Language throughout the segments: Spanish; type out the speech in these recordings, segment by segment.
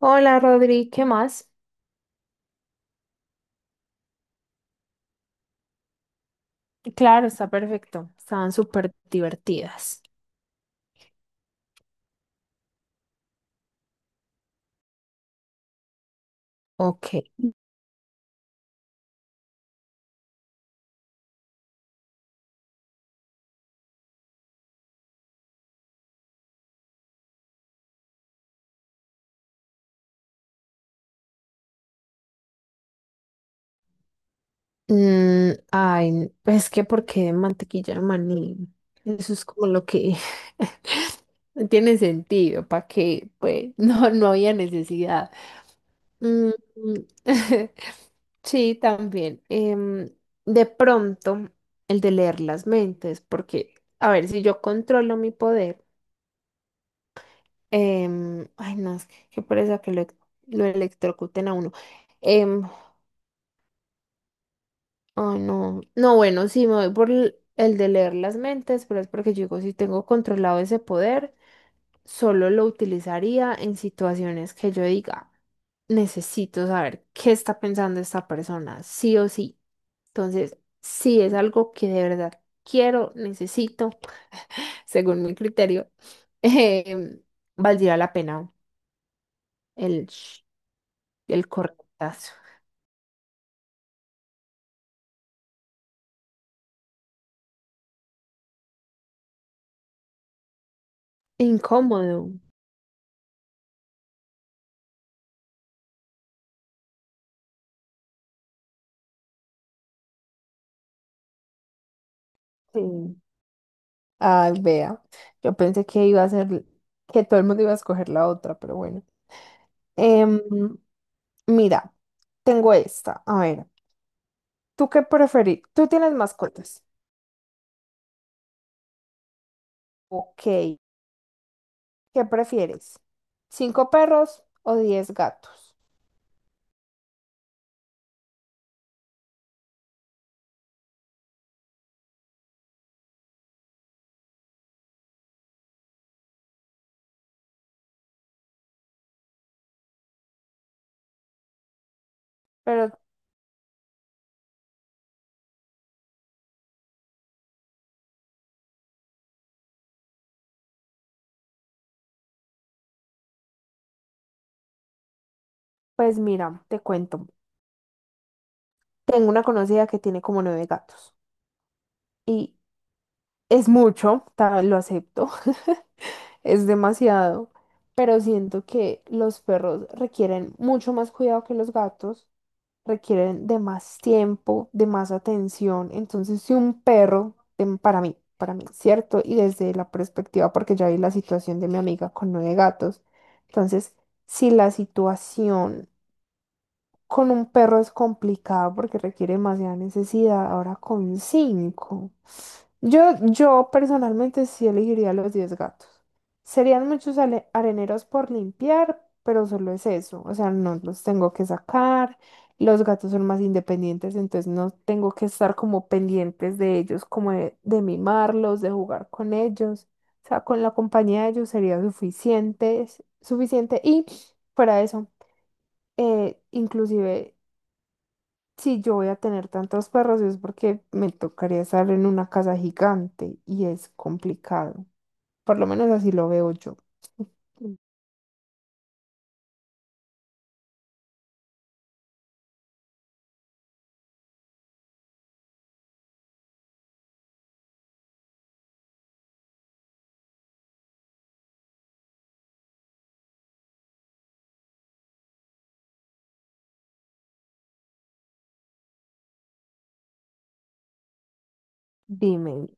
Hola Rodri, ¿qué más? Claro, está perfecto. Estaban súper divertidas. Ok. Ay, es que ¿por qué mantequilla de maní? Eso es como lo que no tiene sentido, ¿para qué? Pues no, no había necesidad. Mm, sí, también. De pronto, el de leer las mentes, porque, a ver, si yo controlo mi poder. Ay, no, es que qué pereza que lo electrocuten a uno. Em, Ay, no. No, bueno, sí, me voy por el de leer las mentes, pero es porque yo digo, si tengo controlado ese poder, solo lo utilizaría en situaciones que yo diga, necesito saber qué está pensando esta persona, sí o sí. Entonces, si es algo que de verdad quiero, necesito, según mi criterio, em, valdría la pena el, sh- el cortazo. Incómodo. Sí. Ay, vea. Yo pensé que iba a ser, que todo el mundo iba a escoger la otra, pero bueno. Em, Mira, tengo esta. A ver, ¿tú qué preferís? ¿Tú tienes mascotas? Ok. ¿Qué prefieres? ¿Cinco perros o 10 gatos? Pero, pues mira, te cuento. Tengo una conocida que tiene como nueve gatos. Y es mucho, lo acepto. Es demasiado, pero siento que los perros requieren mucho más cuidado que los gatos, requieren de más tiempo, de más atención. Entonces, si un perro, para mí, cierto, y desde la perspectiva, porque ya vi la situación de mi amiga con nueve gatos, entonces, si la situación con un perro es complicado porque requiere demasiada necesidad. Ahora con cinco. Yo personalmente sí elegiría los 10 gatos. Serían muchos areneros por limpiar, pero solo es eso. O sea, no los tengo que sacar. Los gatos son más independientes, entonces no tengo que estar como pendientes de ellos, como de mimarlos, de jugar con ellos. O sea, con la compañía de ellos sería suficiente, suficiente. Y fuera de eso inclusive si yo voy a tener tantos perros es porque me tocaría estar en una casa gigante y es complicado. Por lo menos así lo veo yo. Dime,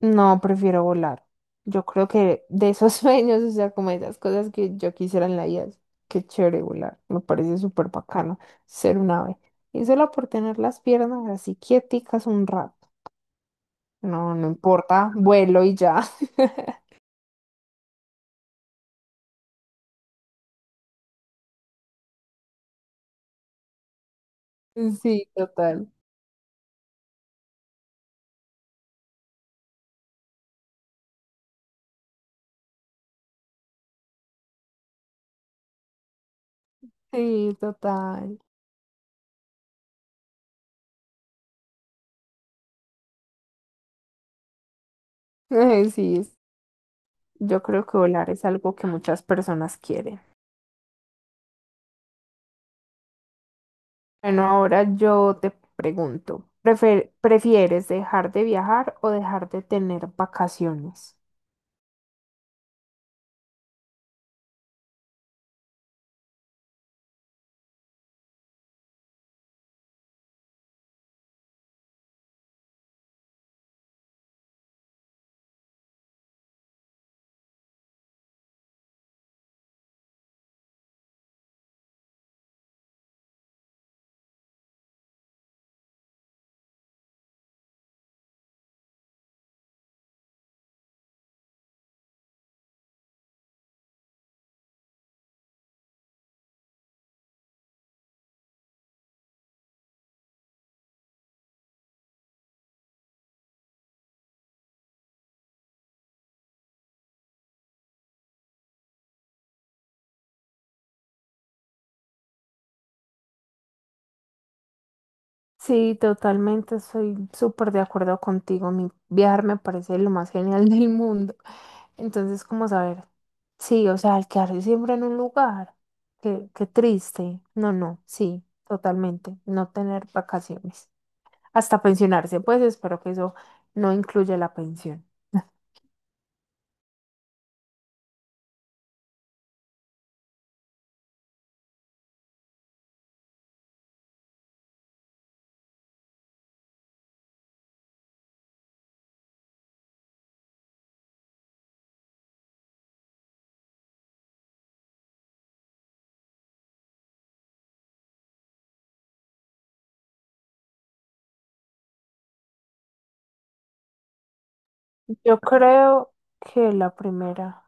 no, prefiero volar. Yo creo que de esos sueños, o sea, como esas cosas que yo quisiera en la vida, qué chévere volar. Me parece súper bacano ser un ave. Y solo por tener las piernas así quieticas un rato. No, no importa, vuelo y ya. Sí, total. Sí, total. Sí, yo creo que volar es algo que muchas personas quieren. Bueno, ahora yo te pregunto, ¿¿prefieres dejar de viajar o dejar de tener vacaciones? Sí, totalmente, estoy súper de acuerdo contigo. Mi viajar me parece lo más genial del mundo. Entonces, ¿como saber? Sí, o sea, al quedarse siempre en un lugar, qué triste. No, no, sí, totalmente, no tener vacaciones. Hasta pensionarse, pues espero que eso no incluya la pensión. Yo creo que la primera.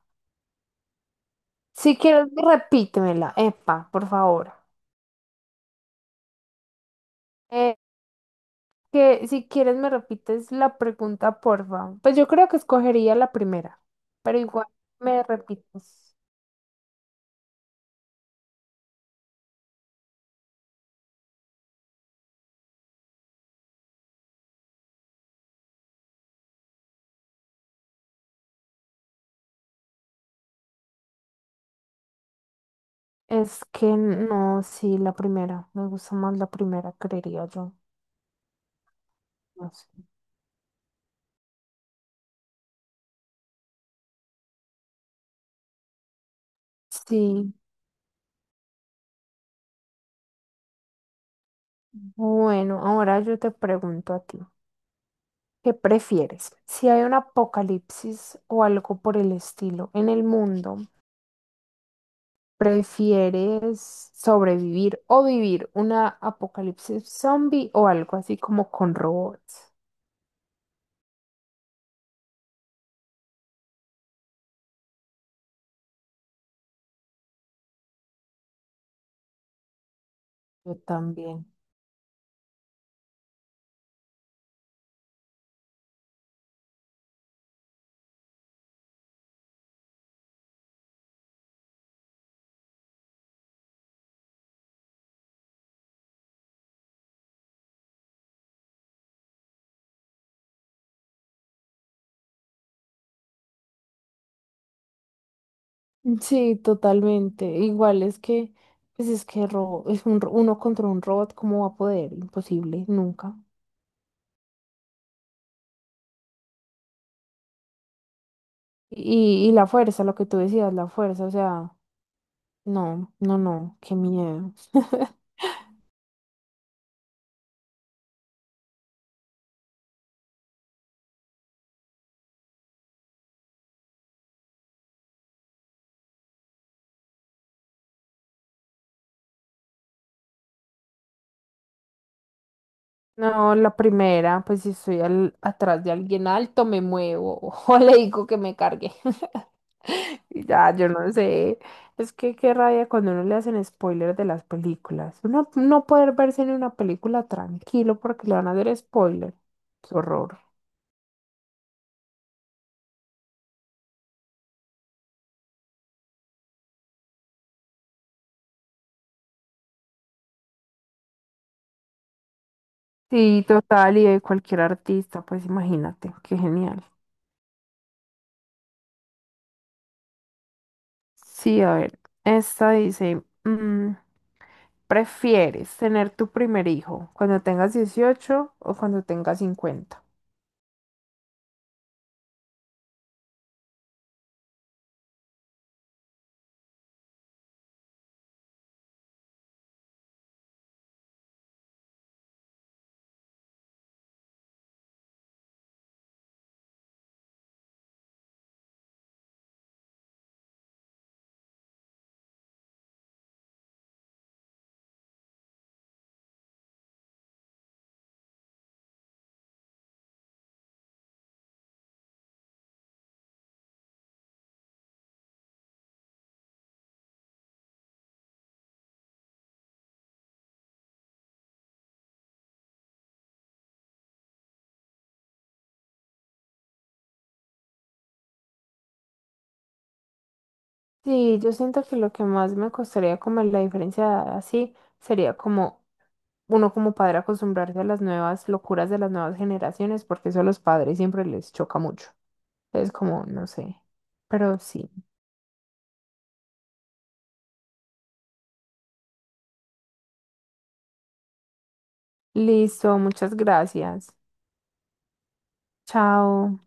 Si quieres, repítemela, epa, por favor. Eh, que si quieres me repites la pregunta, por favor. Pues yo creo que escogería la primera, pero igual me repites. Es que no, sí, la primera. Me gusta más la primera, creería yo. No sé. Sí, bueno, ahora yo te pregunto a ti, ¿qué prefieres? Si hay un apocalipsis o algo por el estilo en el mundo, ¿prefieres sobrevivir o vivir una apocalipsis zombie o algo así como con robots? Yo también. Sí, totalmente. Igual es que, pues es que uno contra un robot, ¿cómo va a poder? Imposible, nunca. Y la fuerza, lo que tú decías, la fuerza, o sea, no, no, no, qué miedo. No, la primera, pues si estoy atrás de alguien alto, me muevo o le digo que me cargue. Y ya, yo no sé. Es que qué rabia cuando uno le hacen spoilers de las películas. Uno no poder verse en una película tranquilo porque le van a hacer spoiler. Qué horror. Sí, total, y de cualquier artista, pues imagínate, qué genial. Sí, a ver, esta dice, ¿prefieres tener tu primer hijo cuando tengas 18 o cuando tengas 50? Sí, yo siento que lo que más me costaría como la diferencia de edad así sería como uno como padre acostumbrarse a las nuevas locuras de las nuevas generaciones, porque eso a los padres siempre les choca mucho. Es como, no sé, pero sí. Listo, muchas gracias. Chao.